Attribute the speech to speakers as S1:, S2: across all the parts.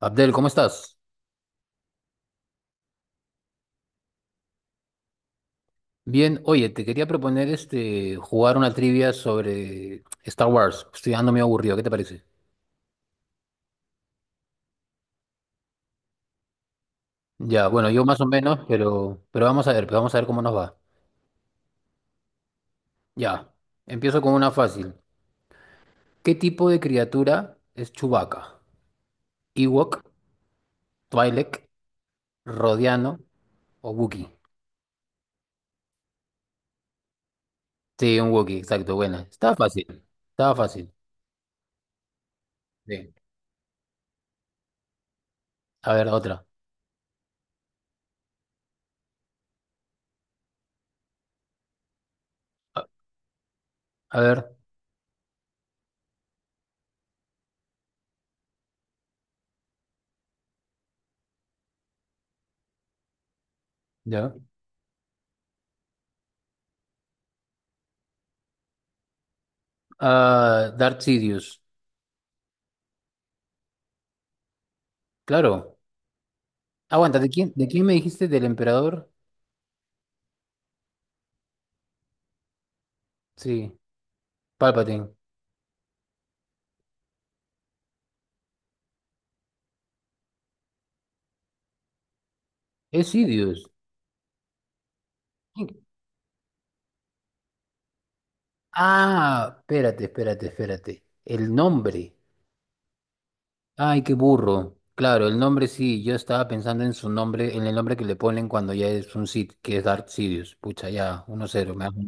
S1: Abdel, ¿cómo estás? Bien, oye, te quería proponer jugar una trivia sobre Star Wars. Estoy ando medio aburrido, ¿qué te parece? Ya, bueno, yo más o menos, pero vamos a ver, pues vamos a ver cómo nos va. Ya, empiezo con una fácil. ¿Qué tipo de criatura es Chewbacca? ¿Ewok, Twi'lek, Rodiano o Wookiee? Sí, un Wookiee, exacto, buena. Estaba fácil, estaba fácil. Bien. A ver, otra. A, a ver, ya. Ah, Darth Sidious, claro. Aguanta, ¿de quién me dijiste? ¿Del emperador? Sí, Palpatine. Es Sidious. ¿Quién? Ah, espérate. El nombre. Ay, qué burro. Claro, el nombre sí, yo estaba pensando en su nombre, en el nombre que le ponen cuando ya es un Sith, que es Darth Sidious. Pucha, ya, 1-0.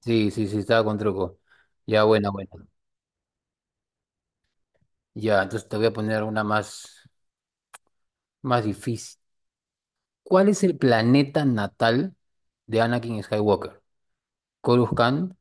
S1: Sí, sí, sí, estaba con truco. Ya, buena, buena. Ya, entonces te voy a poner una más, más difícil. ¿Cuál es el planeta natal de Anakin Skywalker? Coruscant,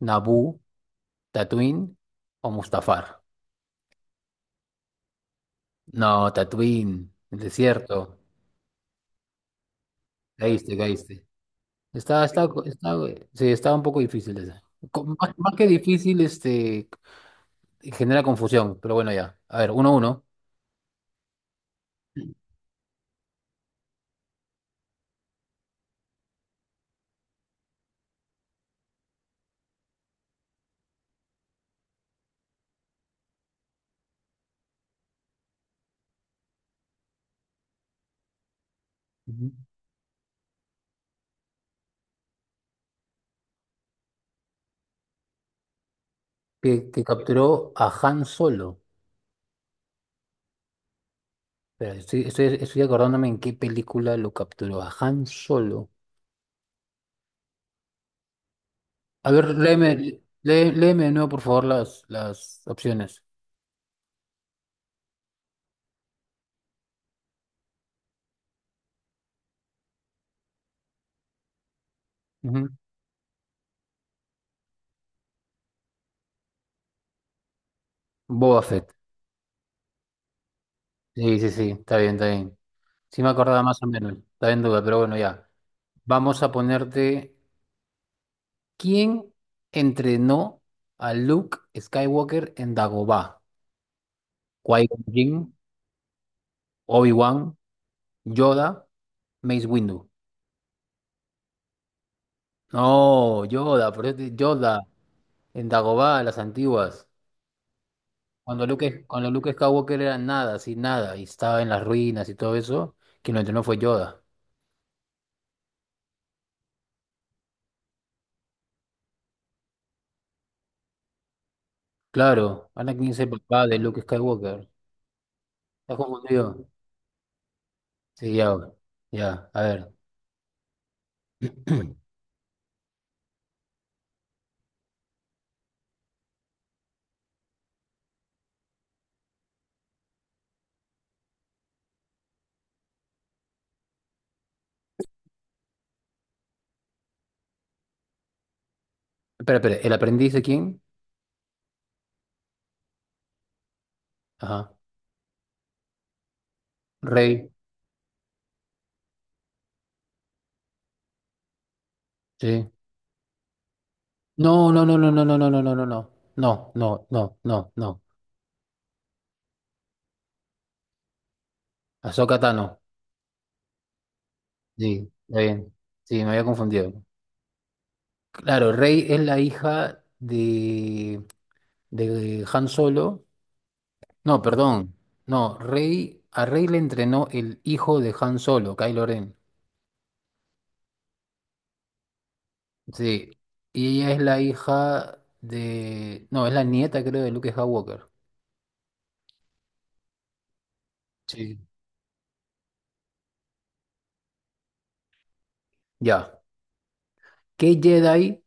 S1: Naboo. ¿Tatooine o Mustafar? No, Tatooine, el desierto. Caíste, caíste. Está, sí, estaba un poco difícil esa. Más, más que difícil, genera confusión, pero bueno, ya. A ver, uno a uno. Ujú. Que capturó a Han Solo. Espera, estoy acordándome en qué película lo capturó a Han Solo. A ver, léeme, léeme de nuevo, por favor, las opciones. Ujú. Boba Fett. Sí, sí, sí, está bien, está bien. Sí me acordaba más o menos, estaba en duda, pero bueno, ya. Vamos a ponerte, ¿quién entrenó a Luke Skywalker en Dagobah? ¿Qui-Gon Jinn, Obi-Wan, Yoda, Mace Windu? No, Yoda, pero Yoda en Dagobah, las antiguas. Cuando Luke Skywalker era nada, así nada, y estaba en las ruinas y todo eso, quien lo entrenó fue Yoda. Claro, Anakin es el papá de Luke Skywalker. ¿Estás confundido? Sí, ya, ya, a ver. Espera, ¿el aprendiz de quién? Ajá. Rey, sí. No, no, no, no, no, no, no, no, no, no, no. No, no, no, no, no. Ahsoka Tano. Sí, está bien. Sí, me había confundido. Claro, Rey es la hija de Han Solo. No, perdón. No, Rey, a Rey le entrenó el hijo de Han Solo, Kylo Ren. Sí. Y ella es la hija de. No, es la nieta, creo, de Luke Skywalker. Sí. Ya. ¿Qué Jedi?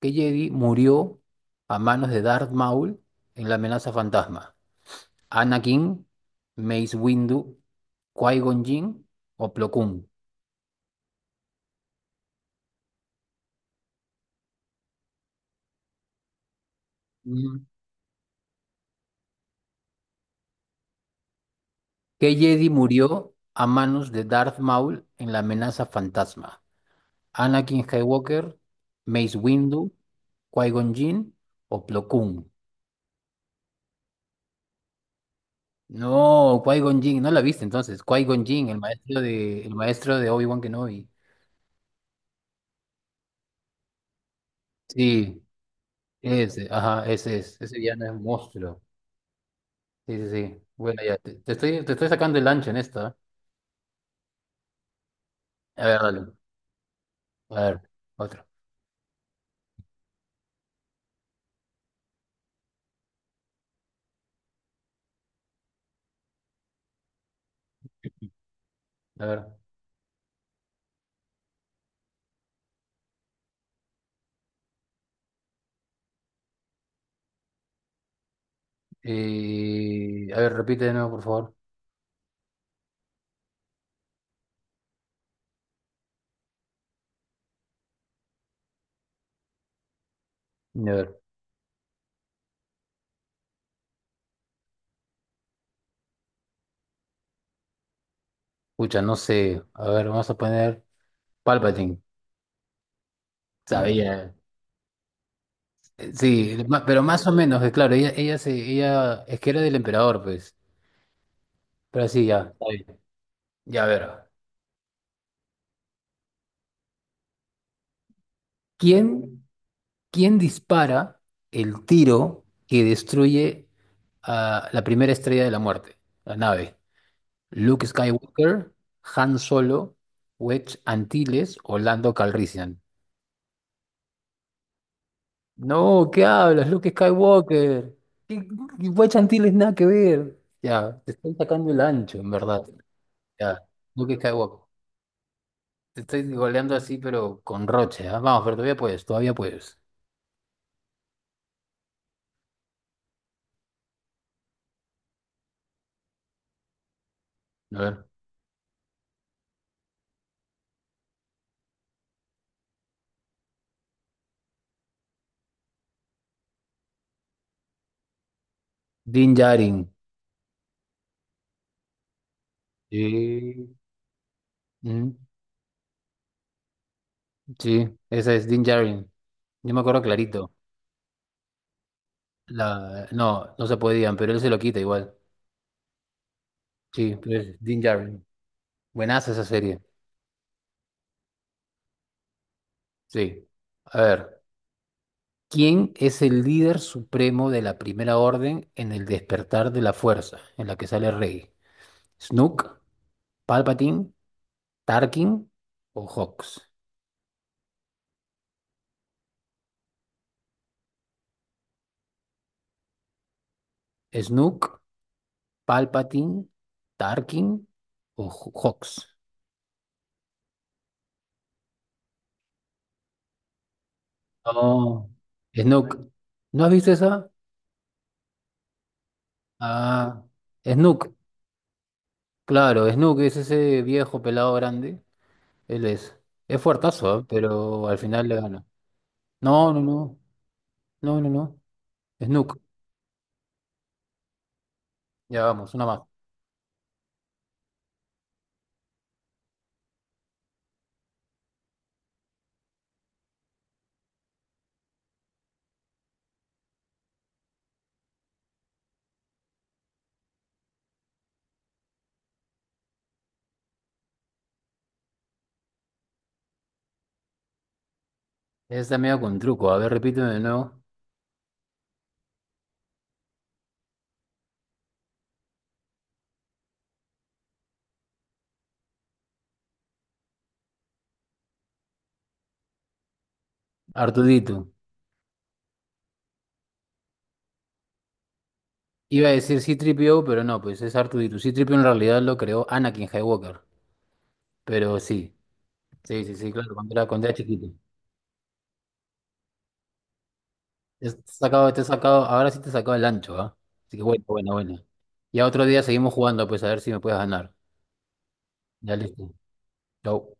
S1: Que Jedi murió a manos de Darth Maul en la amenaza fantasma? ¿Anakin, Mace Windu, Qui-Gon Jinn o Plo Koon? Mm. ¿Qué Jedi murió a manos de Darth Maul en la amenaza fantasma? ¿Anakin Skywalker, Mace Windu, Qui-Gon Jinn o Plo Koon? No, Qui-Gon Jinn, no la viste entonces. Qui-Gon Jinn, el maestro el maestro de Obi-Wan Kenobi. Sí, ese, ajá, ese es, ese ya no es un monstruo. Sí, sí, sí. Bueno, ya, te estoy sacando el ancho en esta. ¿Eh? A ver, dale. A ver, otro. A ver. A ver, repite de nuevo, por favor. A ver. Escucha, no sé. A ver, vamos a poner Palpatine. Sabía. Sí, pero más o menos, claro, ella, ella, es que era del emperador, pues. Pero sí, ya, está bien. Ya, a ver. ¿Quién, ¿quién dispara el tiro que destruye a la primera estrella de la muerte? La nave. Luke Skywalker, Han Solo, Wedge Antilles o Lando Calrissian. No, ¿qué hablas? Luke Skywalker. ¿Qué- Wedge Antilles nada que ver. Ya, te estoy sacando el ancho, en verdad. Ya, Luke Skywalker. Te estoy goleando así, pero con roche. ¿Ah? Vamos, pero todavía puedes, todavía puedes. A ver. Din Djarin. Sí. Mm, sí, esa es Din Djarin. Yo me acuerdo clarito. No, no se podían, pero él se lo quita igual. Sí, pero es Din Djarin. Buenaza esa serie. Sí. A ver, ¿quién es el líder supremo de la Primera Orden en el despertar de la fuerza, en la que sale Rey? ¿Snook, Palpatine, Tarkin o Hawks? ¿Snook, Palpatine, Tarkin o Hawks? Oh, Snook. ¿No has visto esa? Ah, Snook. Claro, Snook es ese viejo pelado grande. Él es. Es fuertazo, ¿eh? Pero al final le gana. No, no, no. No, no, no. Snook. Ya vamos, una más. Esta medio con truco. A ver, repíteme de nuevo. Artudito. Iba a decir C-3 pero no, pues es Artudito. C-3 en realidad lo creó Anakin Skywalker. Pero sí. Sí, sí, sí, claro, cuando era chiquito. Te has sacado, ahora sí te he sacado el ancho, ¿ah? Así que bueno, bueno, bueno. Ya otro día seguimos jugando, pues a ver si me puedes ganar. Ya listo. Chau.